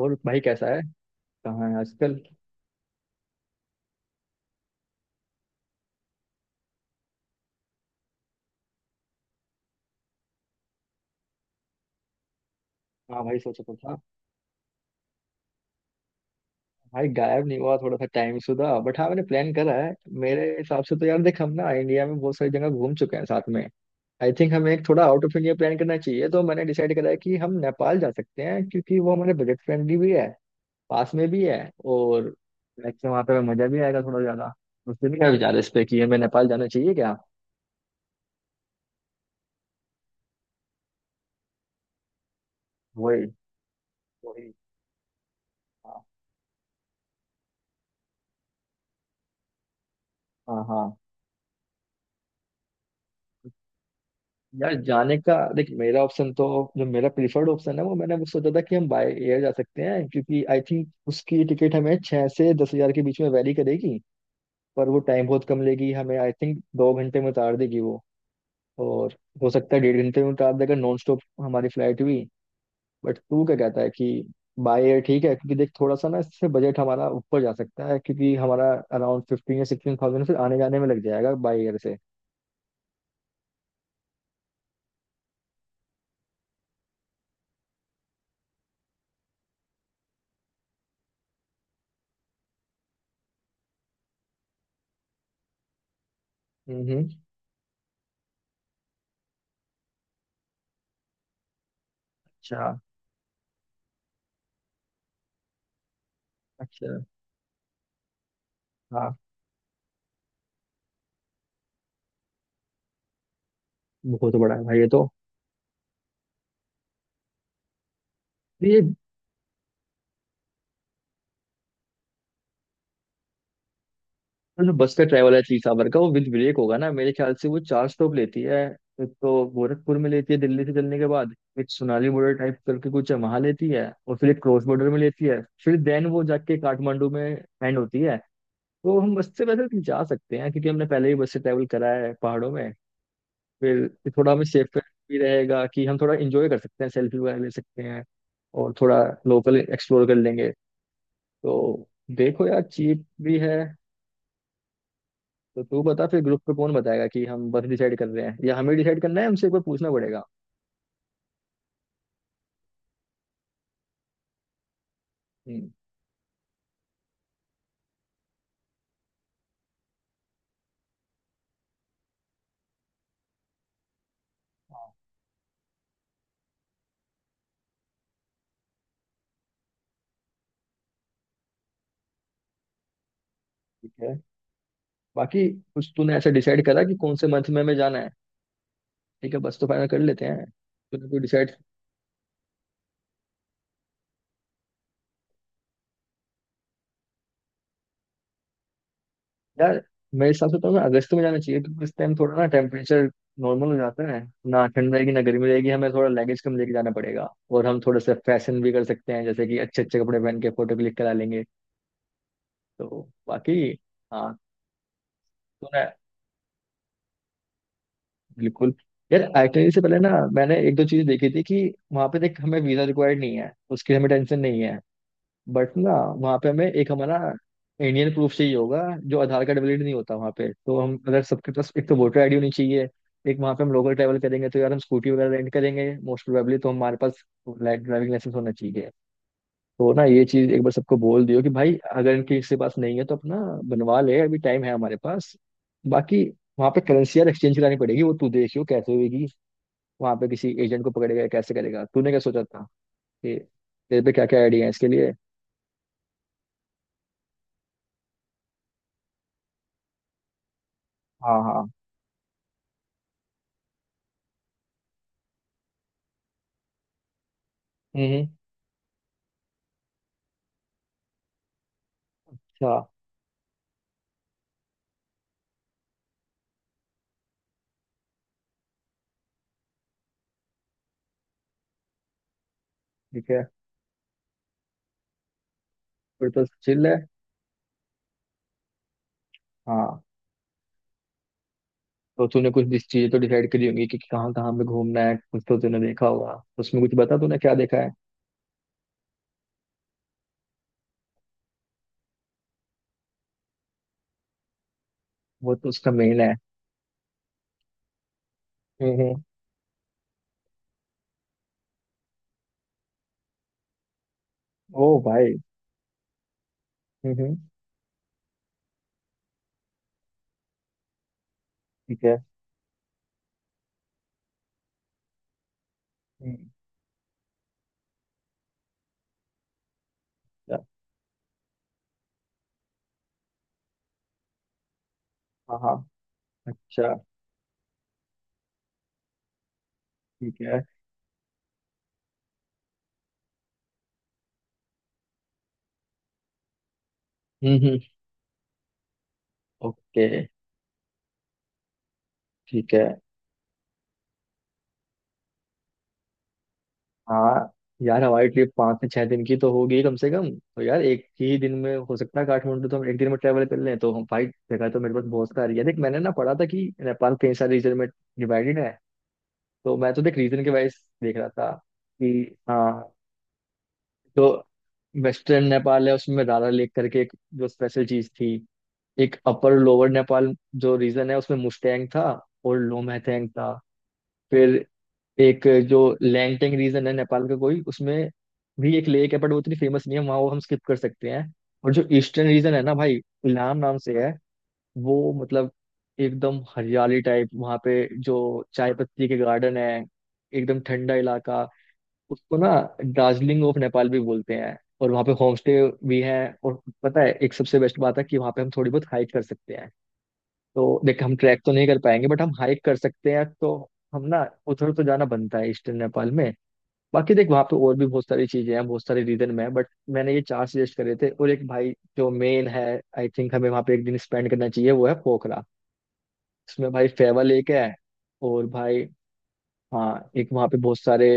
और भाई कैसा है। कहाँ है आजकल। हाँ भाई, सोचा तो था। भाई गायब नहीं हुआ, थोड़ा सा टाइम सुधा, बट हाँ, मैंने प्लान करा है। मेरे हिसाब से तो यार देख, हम ना इंडिया में बहुत सारी जगह घूम चुके हैं साथ में। आई थिंक हमें एक थोड़ा आउट ऑफ इंडिया प्लान करना चाहिए। तो मैंने डिसाइड करा है कि हम नेपाल जा सकते हैं, क्योंकि वो हमारे बजट फ्रेंडली भी है। पास में भी है। और वैसे वहाँ पे हमें मजा भी आएगा थोड़ा ज्यादा। उसके भी क्या विचार है इस पे कि हमें नेपाल जाना चाहिए क्या। वही। वही। हाँ, हाँ। हाँ, यार जाने का देख, मेरा ऑप्शन तो, जो मेरा प्रीफर्ड ऑप्शन है, वो मैंने वो सोचा था कि हम बाय एयर जा सकते हैं, क्योंकि आई थिंक उसकी टिकट हमें 6 से 10 हज़ार के बीच में वैरी करेगी। पर वो टाइम बहुत कम लेगी हमें, आई थिंक 2 घंटे में उतार देगी वो। और हो सकता है 1.5 घंटे में उतार देगा, नॉन स्टॉप हमारी फ्लाइट भी। बट तू क्या कहता है कि बाय एयर ठीक है, क्योंकि देख थोड़ा सा ना इससे बजट हमारा ऊपर जा सकता है, क्योंकि हमारा अराउंड 15 या 16 thousand फिर आने जाने में लग जाएगा बाय एयर से। हम्म। अच्छा। अच्छा। हाँ। बहुत बड़ा है भाई ये तो। ये जो बस का ट्रैवल है तीसावर का, वो विद ब्रेक होगा ना मेरे ख्याल से, वो 4 स्टॉप लेती है। एक तो गोरखपुर में लेती है दिल्ली से चलने के बाद। एक सोनाली बॉर्डर टाइप करके कुछ है, वहां लेती है। और फिर एक क्रॉस बॉर्डर में लेती है। फिर देन वो जाके काठमांडू में एंड होती है। तो हम बस से वैसे जा सकते हैं, क्योंकि हमने पहले ही बस से ट्रैवल करा है पहाड़ों में। फिर थोड़ा हमें सेफ भी रहेगा कि हम थोड़ा इंजॉय कर सकते हैं, सेल्फी वगैरह ले सकते हैं। और थोड़ा लोकल एक्सप्लोर कर लेंगे। तो देखो यार, चीप भी है। तो तू बता फिर, ग्रुप पे कौन बताएगा कि हम बस डिसाइड कर रहे हैं या हमें डिसाइड करना है, हमसे एक बार पूछना पड़ेगा। हम्म। हाँ। ठीक है। बाकी कुछ तूने ऐसा डिसाइड करा कि कौन से मंथ में हमें जाना है। ठीक है बस, तो फाइनल कर लेते हैं। तूने तो डिसाइड। यार मेरे हिसाब से तो हमें अगस्त में जाना चाहिए, क्योंकि इस टाइम थोड़ा ना टेम्परेचर नॉर्मल हो जाता है। ना ठंड रहेगी ना गर्मी रहेगी, हमें थोड़ा लगेज कम लेके जाना पड़ेगा, और हम थोड़ा सा फैशन भी कर सकते हैं, जैसे कि अच्छे अच्छे कपड़े पहन के फोटो क्लिक करा लेंगे। तो बाकी, हाँ, तूने बिल्कुल। यार आइटनरी से पहले ना मैंने एक दो चीज देखी थी कि वहां पे देख हमें वीजा रिक्वायर्ड नहीं है, उसकी हमें टेंशन नहीं है। बट ना वहां पे हमें एक हमारा इंडियन प्रूफ चाहिए होगा। जो आधार कार्ड वैलिड नहीं होता वहां पे, तो हम अगर सबके पास एक तो वोटर आईडी होनी चाहिए। एक वहां पे हम लोकल ट्रैवल करेंगे, तो यार हम स्कूटी वगैरह रेंट करेंगे मोस्ट प्रोबेबली, तो हमारे पास ड्राइविंग लाइसेंस होना चाहिए। तो ना ये चीज एक बार सबको बोल दियो कि भाई अगर इनके किसी के पास नहीं है तो अपना बनवा ले, अभी टाइम है हमारे पास। बाकी वहां पे करेंसी यार एक्सचेंज करानी पड़ेगी, वो तू देखियो कैसे होगी। वहां पे किसी एजेंट को पकड़ेगा या कैसे करेगा, तूने क्या सोचा था कि तेरे पे क्या क्या आइडिया है इसके लिए। हाँ हाँ। हम्म। अच्छा। ठीक है, फिर तो चिल है। हाँ, तो तूने कुछ चीजें तो डिसाइड करी होंगी कि कहाँ कहाँ पे घूमना है, कुछ तो तूने देखा होगा उसमें, कुछ बता तूने क्या देखा है। वो तो उसका मेन है। हम्म। ओ भाई। हम्म। ठीक है। हम्म। अच्छा। हाँ हाँ। अच्छा। ठीक है। हम्म। ओके। ठीक है। हाँ यार, हमारी ट्रिप 5 से 6 दिन की तो होगी कम से कम। तो यार एक ही दिन में हो सकता है काठमांडू तो हम एक दिन में ट्रैवल कर लें। तो हम भाई, जगह तो मेरे पास बहुत सारी है। देख मैंने ना पढ़ा था कि नेपाल कई सारे रीजन में डिवाइडेड है। तो मैं तो देख रीजन के वाइज देख रहा था कि हाँ, तो वेस्टर्न नेपाल है, उसमें रारा लेक करके एक जो स्पेशल चीज थी। एक अपर लोअर नेपाल जो रीजन है, उसमें मुस्टैंग था और लोमहथेंग था। फिर एक जो लैंगटेंग रीजन है नेपाल का, कोई उसमें भी एक लेक है, बट वो इतनी फेमस नहीं है वहाँ, वो हम स्किप कर सकते हैं। और जो ईस्टर्न रीजन है ना भाई, इलाम नाम से है। वो मतलब एकदम हरियाली टाइप वहाँ पे, जो चाय पत्ती के गार्डन है, एकदम ठंडा इलाका। उसको ना दार्जिलिंग ऑफ नेपाल भी बोलते हैं। और वहाँ पे होम स्टे भी है। और पता है एक सबसे बेस्ट बात है कि वहाँ पे हम थोड़ी बहुत हाइक कर सकते हैं। तो देख हम ट्रैक तो नहीं कर पाएंगे, बट हम हाइक कर सकते हैं। तो हम ना उधर तो जाना बनता है ईस्टर्न नेपाल में। बाकी देख वहाँ पे और भी बहुत सारी चीजें हैं बहुत सारे रीजन में, बट मैंने ये चार सजेस्ट करे थे। और एक भाई जो मेन है, आई थिंक हमें वहाँ पे एक दिन स्पेंड करना चाहिए, वो है पोखरा। उसमें भाई फेवा लेक है। और भाई हाँ, एक वहाँ पे बहुत सारे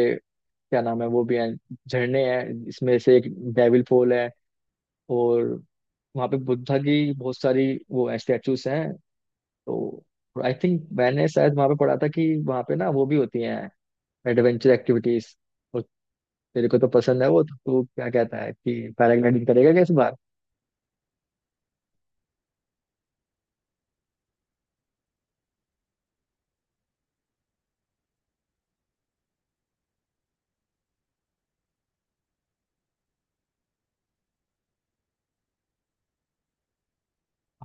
क्या नाम है वो भी हैं, झरने हैं। इसमें से एक डेविल फॉल है। और वहाँ पे बुद्धा की बहुत सारी वो स्टैचूज हैं। तो आई थिंक मैंने शायद वहाँ पे पढ़ा था कि वहाँ पे ना वो भी होती हैं एडवेंचर एक्टिविटीज। और तेरे को तो पसंद है वो, तो तू क्या कहता है कि पैराग्लाइडिंग करेगा क्या इस बार।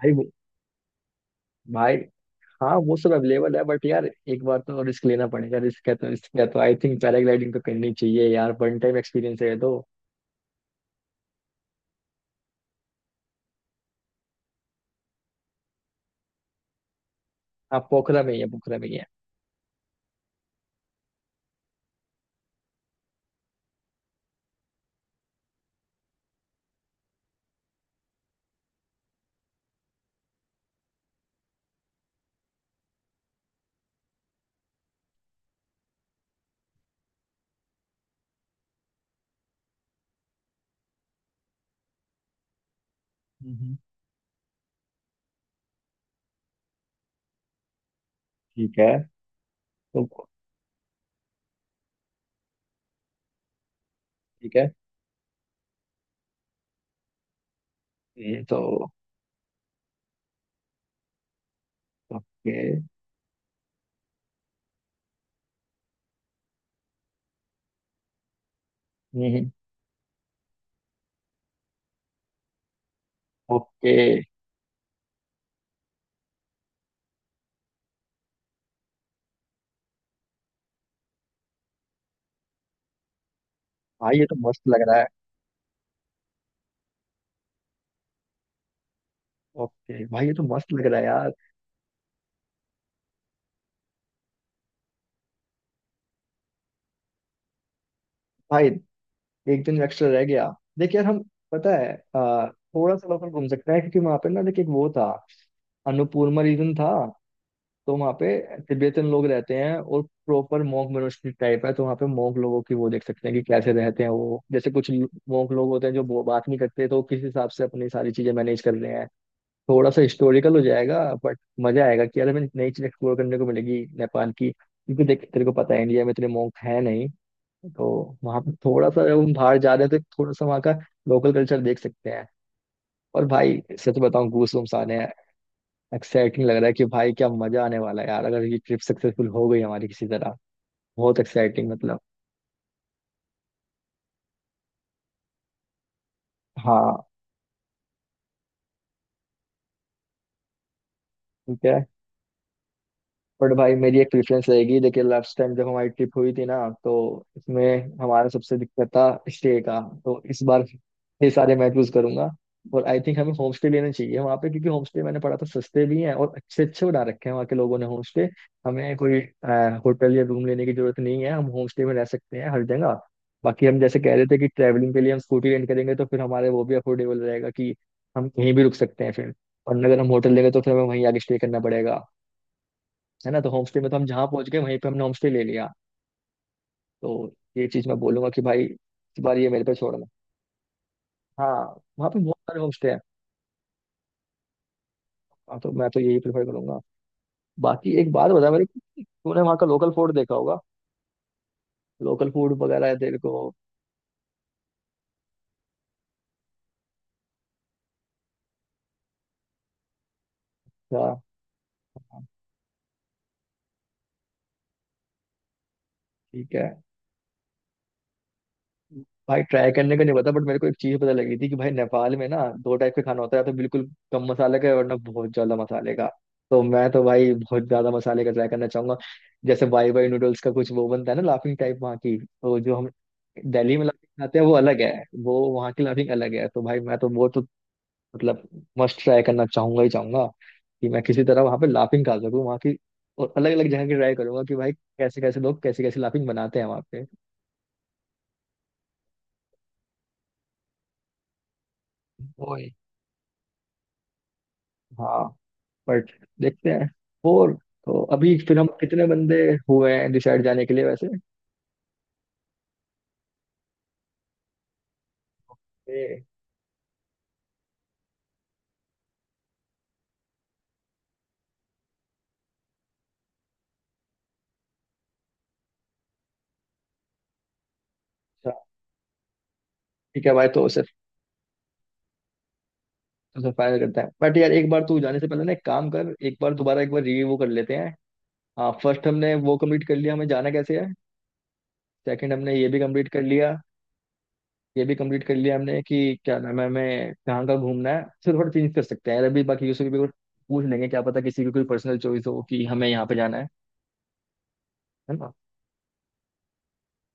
भाई वो, भाई हाँ वो सब अवेलेबल है, बट यार एक बार तो रिस्क लेना पड़ेगा। रिस्क है तो रिस्क है, तो आई थिंक पैराग्लाइडिंग तो करनी चाहिए यार, वन टाइम एक्सपीरियंस है ये तो। आप पोखरा में ही है, पोखरा में ही है। हम्म। ठीक है तो। ठीक है ये तो। ओके। हम्म। ओके भाई ये तो मस्त लग रहा है। ओके भाई ये तो मस्त लग रहा है यार। भाई एक दिन एक्स्ट्रा रह गया, देखिए यार हम, पता है थोड़ा सा लोकल घूम सकते हैं, क्योंकि वहां पे ना देखिए, एक वो था अन्नपूर्णा रीजन था। तो वहाँ पे तिब्बतन लोग रहते हैं और प्रॉपर मोंक मोनास्ट्री टाइप है। तो वहाँ पे मोंक लोगों की वो देख सकते हैं कि कैसे रहते हैं वो। जैसे कुछ मोंक लोग होते हैं जो बात नहीं करते, तो वो किस हिसाब से अपनी सारी चीजें मैनेज कर रहे हैं। थोड़ा सा हिस्टोरिकल हो जाएगा, बट मजा आएगा कि यार हमें नई चीज एक्सप्लोर करने को मिलेगी नेपाल की, क्योंकि देख तेरे को पता है इंडिया में इतने मोंक है नहीं। तो वहाँ पे थोड़ा सा, जब हम बाहर जा रहे हैं तो थोड़ा सा वहाँ का लोकल कल्चर देख सकते हैं। और भाई सच बताऊं, गूस बम्स आ रहे हैं। एक्साइटिंग लग रहा है कि भाई क्या मजा आने वाला है यार, अगर ये ट्रिप सक्सेसफुल हो गई हमारी किसी तरह। बहुत एक्साइटिंग मतलब। हाँ। ठीक है बट भाई मेरी एक प्रेफरेंस रहेगी। देखिए लास्ट टाइम जब हमारी ट्रिप हुई थी ना, तो इसमें हमारा सबसे दिक्कत था स्टे का। तो इस बार ये सारे मैं चूज करूंगा। और आई थिंक हमें होम स्टे लेना चाहिए वहाँ पे, क्योंकि होम स्टे मैंने पढ़ा था सस्ते भी हैं, और अच्छे अच्छे बना रखे हैं वहाँ के लोगों ने होम स्टे। हमें कोई होटल या रूम लेने की जरूरत नहीं है, हम होम स्टे में रह सकते हैं हर जगह। बाकी हम जैसे कह रहे थे कि ट्रैवलिंग के लिए हम स्कूटी रेंट करेंगे, तो फिर हमारे वो भी अफोर्डेबल रहेगा कि हम कहीं भी रुक सकते हैं फिर। और अगर हम होटल लेंगे तो फिर हमें वहीं आगे स्टे करना पड़ेगा, है ना। तो होम स्टे में तो हम जहाँ पहुंच गए वहीं पे हमने होम स्टे ले लिया। तो ये चीज मैं बोलूंगा कि भाई इस बार ये मेरे पे छोड़ना। हाँ, वहाँ पे बहुत सारे होम स्टे हैं। हाँ, तो मैं तो यही प्रेफर करूंगा। बाकी एक बात बता मेरे को, तूने वहाँ का लोकल फूड देखा होगा। लोकल फूड वगैरह है तेरे को। अच्छा। हाँ। ठीक है। भाई ट्राई करने का नहीं पता, बट मेरे को एक चीज पता लगी थी कि भाई नेपाल में ना दो टाइप के खाना होता है, या तो बिल्कुल कम मसाले का, वरना बहुत ज्यादा मसाले का। तो मैं तो भाई बहुत ज्यादा मसाले का ट्राई करना चाहूंगा। जैसे बाई बाई नूडल्स का कुछ वो बनता है ना, लाफिंग टाइप वहाँ की। तो जो हम दिल्ली में लाफिंग खाते हैं वो अलग है, वो वहाँ की लाफिंग अलग है। तो भाई मैं तो वो तो मतलब मस्ट ट्राई करना चाहूंगा ही चाहूंगा, कि मैं किसी तरह वहाँ पे लाफिंग खा सकूँ वहाँ की। और अलग अलग जगह की ट्राई करूंगा कि भाई कैसे कैसे लोग कैसे कैसे लाफिंग बनाते हैं वहाँ पे। ओए। हाँ। बट देखते हैं। फोर, तो अभी फिर हम कितने बंदे हुए हैं डिसाइड जाने के लिए वैसे। ये, अच्छा। ठीक है भाई, तो उसे, उसे फाइनल करते हैं। बट यार एक बार तू जाने से पहले ना, एक काम कर, एक बार दोबारा एक बार रिव्यू कर लेते हैं। हाँ, फर्स्ट हमने वो कंप्लीट कर लिया, हमें जाना कैसे है। सेकंड हमने ये भी कंप्लीट कर लिया। ये भी कंप्लीट कर लिया हमने कि क्या नाम है हमें कहाँ का घूमना है, सिर्फ थोड़ा चेंज कर सकते हैं यार अभी। बाकी यूसुफ भी कुछ पूछ लेंगे, क्या पता किसी की कोई पर्सनल चॉइस हो कि हमें यहाँ पे जाना है ना।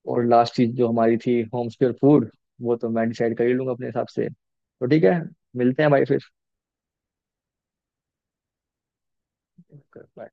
और लास्ट चीज जो हमारी थी, होम स्क्योर फूड, वो तो मैं डिसाइड कर ही लूंगा अपने हिसाब से। तो ठीक है, मिलते हैं भाई फिर।